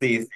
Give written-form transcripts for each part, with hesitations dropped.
Sí, sí. O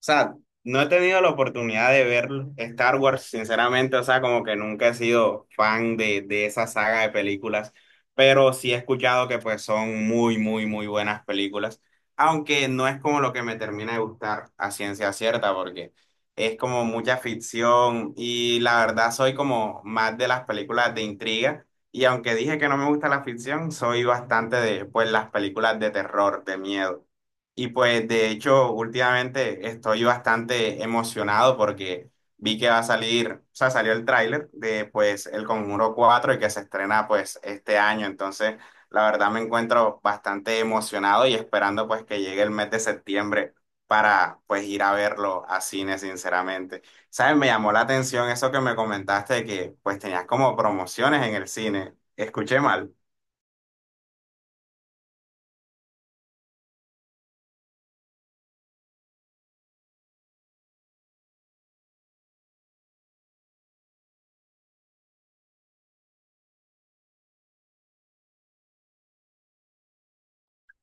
sea, no he tenido la oportunidad de ver Star Wars, sinceramente. O sea, como que nunca he sido fan de esa saga de películas, pero sí he escuchado que pues son muy buenas películas, aunque no es como lo que me termina de gustar a ciencia cierta, porque es como mucha ficción y la verdad soy como más de las películas de intriga. Y aunque dije que no me gusta la ficción, soy bastante de pues las películas de terror, de miedo. Y pues de hecho últimamente estoy bastante emocionado porque vi que va a salir, o sea, salió el tráiler de pues El Conjuro 4 y que se estrena pues este año. Entonces, la verdad me encuentro bastante emocionado y esperando pues que llegue el mes de septiembre para pues ir a verlo a cine, sinceramente. ¿Sabes? Me llamó la atención eso que me comentaste de que pues tenías como promociones en el cine. Escuché mal.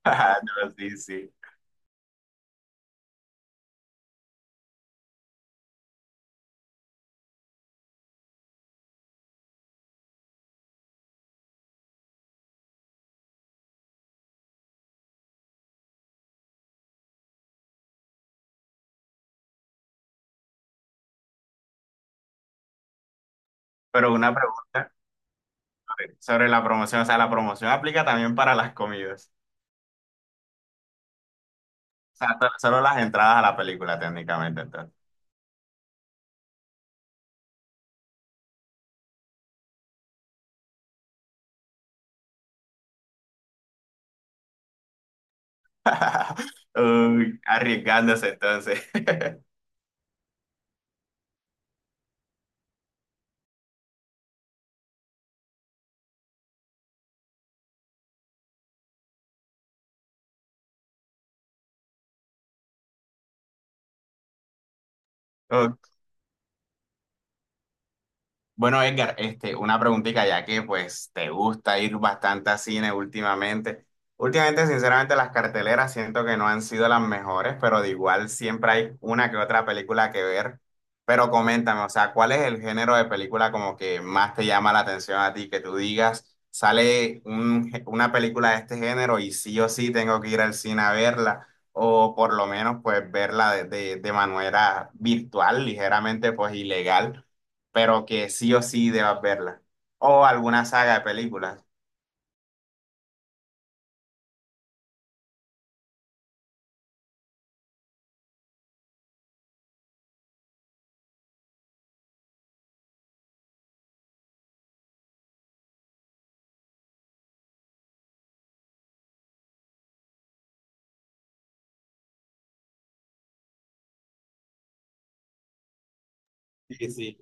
Sí, sí. Pero una pregunta sobre la promoción. O sea, ¿la promoción aplica también para las comidas? O sea, solo las entradas a la película técnicamente, entonces. Uy, arriesgándose entonces. Ok. Bueno, Edgar, una preguntita, ya que pues te gusta ir bastante a cine últimamente. Últimamente, sinceramente, las carteleras siento que no han sido las mejores, pero de igual siempre hay una que otra película que ver. Pero coméntame, o sea, ¿cuál es el género de película como que más te llama la atención a ti? Que tú digas, sale un una película de este género y sí o sí tengo que ir al cine a verla, o por lo menos pues verla de, de manera virtual, ligeramente pues ilegal, pero que sí o sí debas verla. O alguna saga de películas. Sí, sí.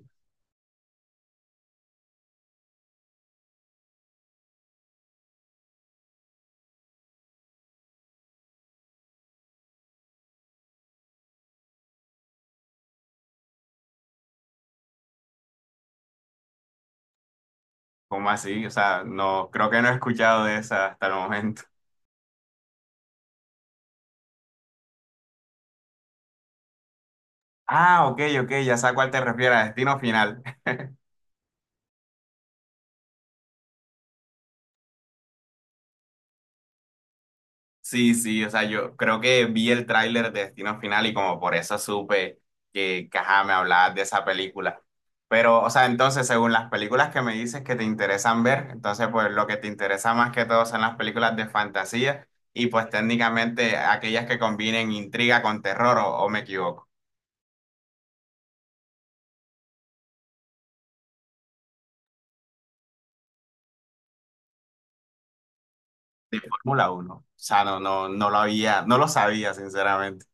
¿Cómo así? O sea, no, creo que no he escuchado de esa hasta el momento. Ah, ok, ok, ya sé a cuál te refieres, a Destino Final. Sí, sí, o sea, yo creo que vi el tráiler de Destino Final y como por eso supe que ajá, me hablabas de esa película. Pero, o sea, entonces, según las películas que me dices que te interesan ver, entonces, pues lo que te interesa más que todo son las películas de fantasía y pues técnicamente aquellas que combinen intriga con terror, o, ¿o me equivoco? De Fórmula uno, o sea, no, no, no lo había, no lo sabía, sinceramente.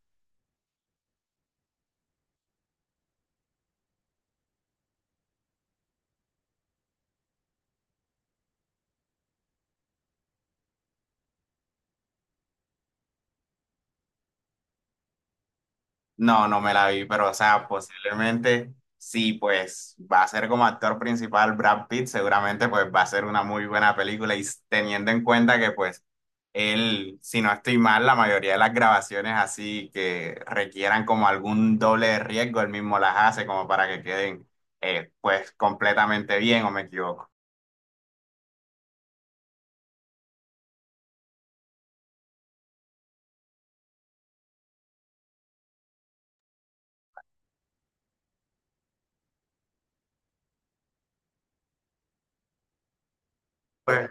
No, no me la vi, pero o sea, posiblemente sí, pues va a ser como actor principal Brad Pitt, seguramente pues va a ser una muy buena película y teniendo en cuenta que pues él, si no estoy mal, la mayoría de las grabaciones así que requieran como algún doble de riesgo, él mismo las hace como para que queden pues completamente bien, ¿o me equivoco? Pues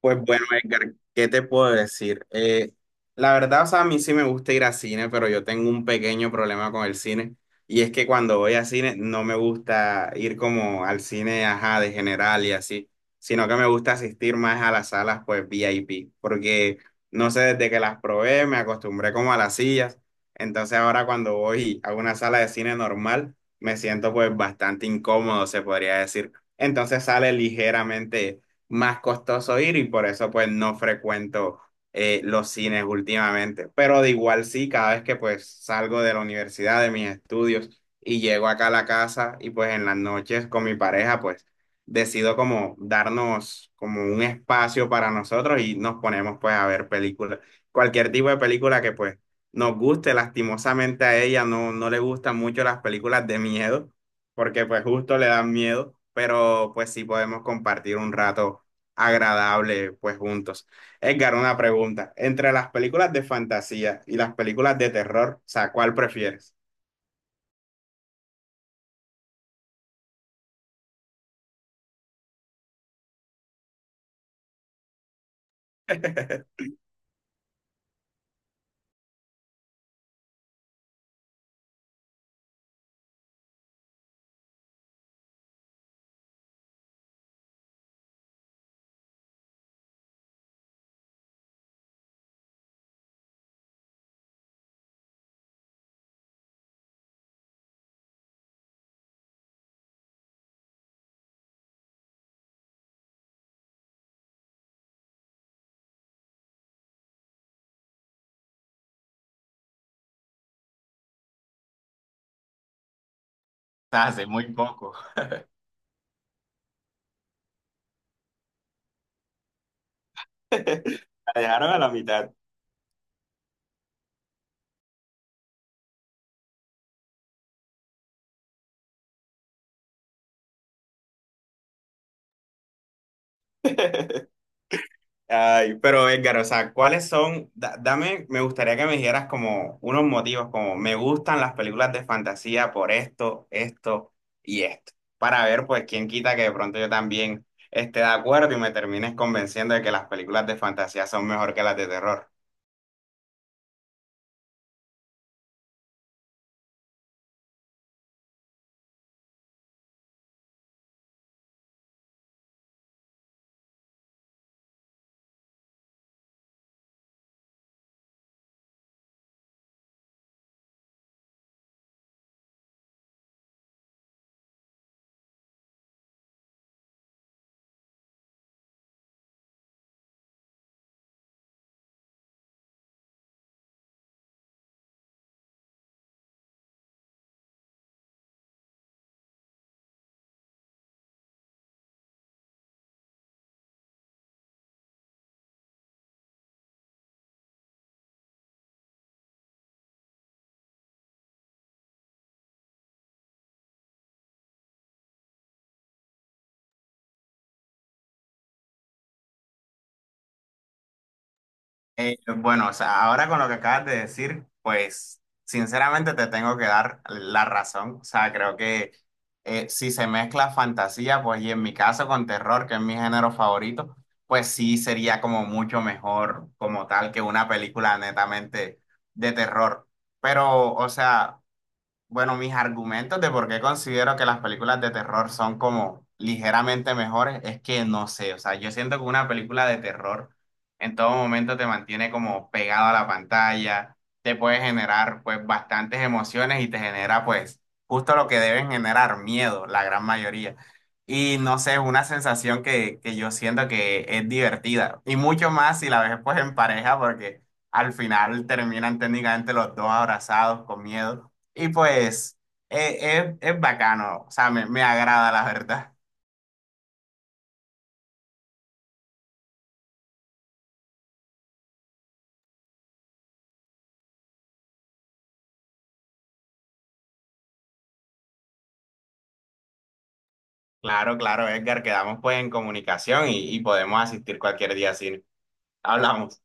Pues bueno, Edgar, ¿qué te puedo decir? La verdad, o sea, a mí sí me gusta ir a cine, pero yo tengo un pequeño problema con el cine. Y es que cuando voy a cine no me gusta ir como al cine, ajá, de general y así, sino que me gusta asistir más a las salas, pues VIP, porque no sé, desde que las probé me acostumbré como a las sillas. Entonces ahora cuando voy a una sala de cine normal, me siento pues bastante incómodo, se podría decir. Entonces sale ligeramente más costoso ir y por eso pues no frecuento los cines últimamente. Pero de igual sí, cada vez que pues salgo de la universidad, de mis estudios y llego acá a la casa y pues en las noches con mi pareja pues decido como darnos como un espacio para nosotros y nos ponemos pues a ver películas, cualquier tipo de película que pues nos guste. Lastimosamente a ella no le gustan mucho las películas de miedo porque pues justo le dan miedo, pero pues sí podemos compartir un rato agradable, pues juntos. Edgar, una pregunta. Entre las películas de fantasía y las películas de terror, o sea, ¿cuál prefieres? Hace muy poco. La dejaron a la mitad. Ay, pero Edgar, o sea, ¿cuáles son? Dame, me gustaría que me dijeras como unos motivos, como me gustan las películas de fantasía por esto, esto y esto, para ver, pues, quién quita que de pronto yo también esté de acuerdo y me termines convenciendo de que las películas de fantasía son mejor que las de terror. Bueno, o sea, ahora con lo que acabas de decir, pues sinceramente te tengo que dar la razón. O sea, creo que si se mezcla fantasía, pues y en mi caso con terror, que es mi género favorito, pues sí sería como mucho mejor como tal que una película netamente de terror. Pero, o sea, bueno, mis argumentos de por qué considero que las películas de terror son como ligeramente mejores es que no sé, o sea, yo siento que una película de terror en todo momento te mantiene como pegado a la pantalla, te puede generar pues bastantes emociones y te genera pues justo lo que deben generar, miedo, la gran mayoría. Y no sé, es una sensación que yo siento que es divertida y mucho más si la ves pues en pareja porque al final terminan técnicamente los dos abrazados con miedo. Y pues es bacano. O sea, me agrada la verdad. Claro, claro, Edgar, quedamos pues en comunicación y podemos asistir cualquier día así. Hablamos.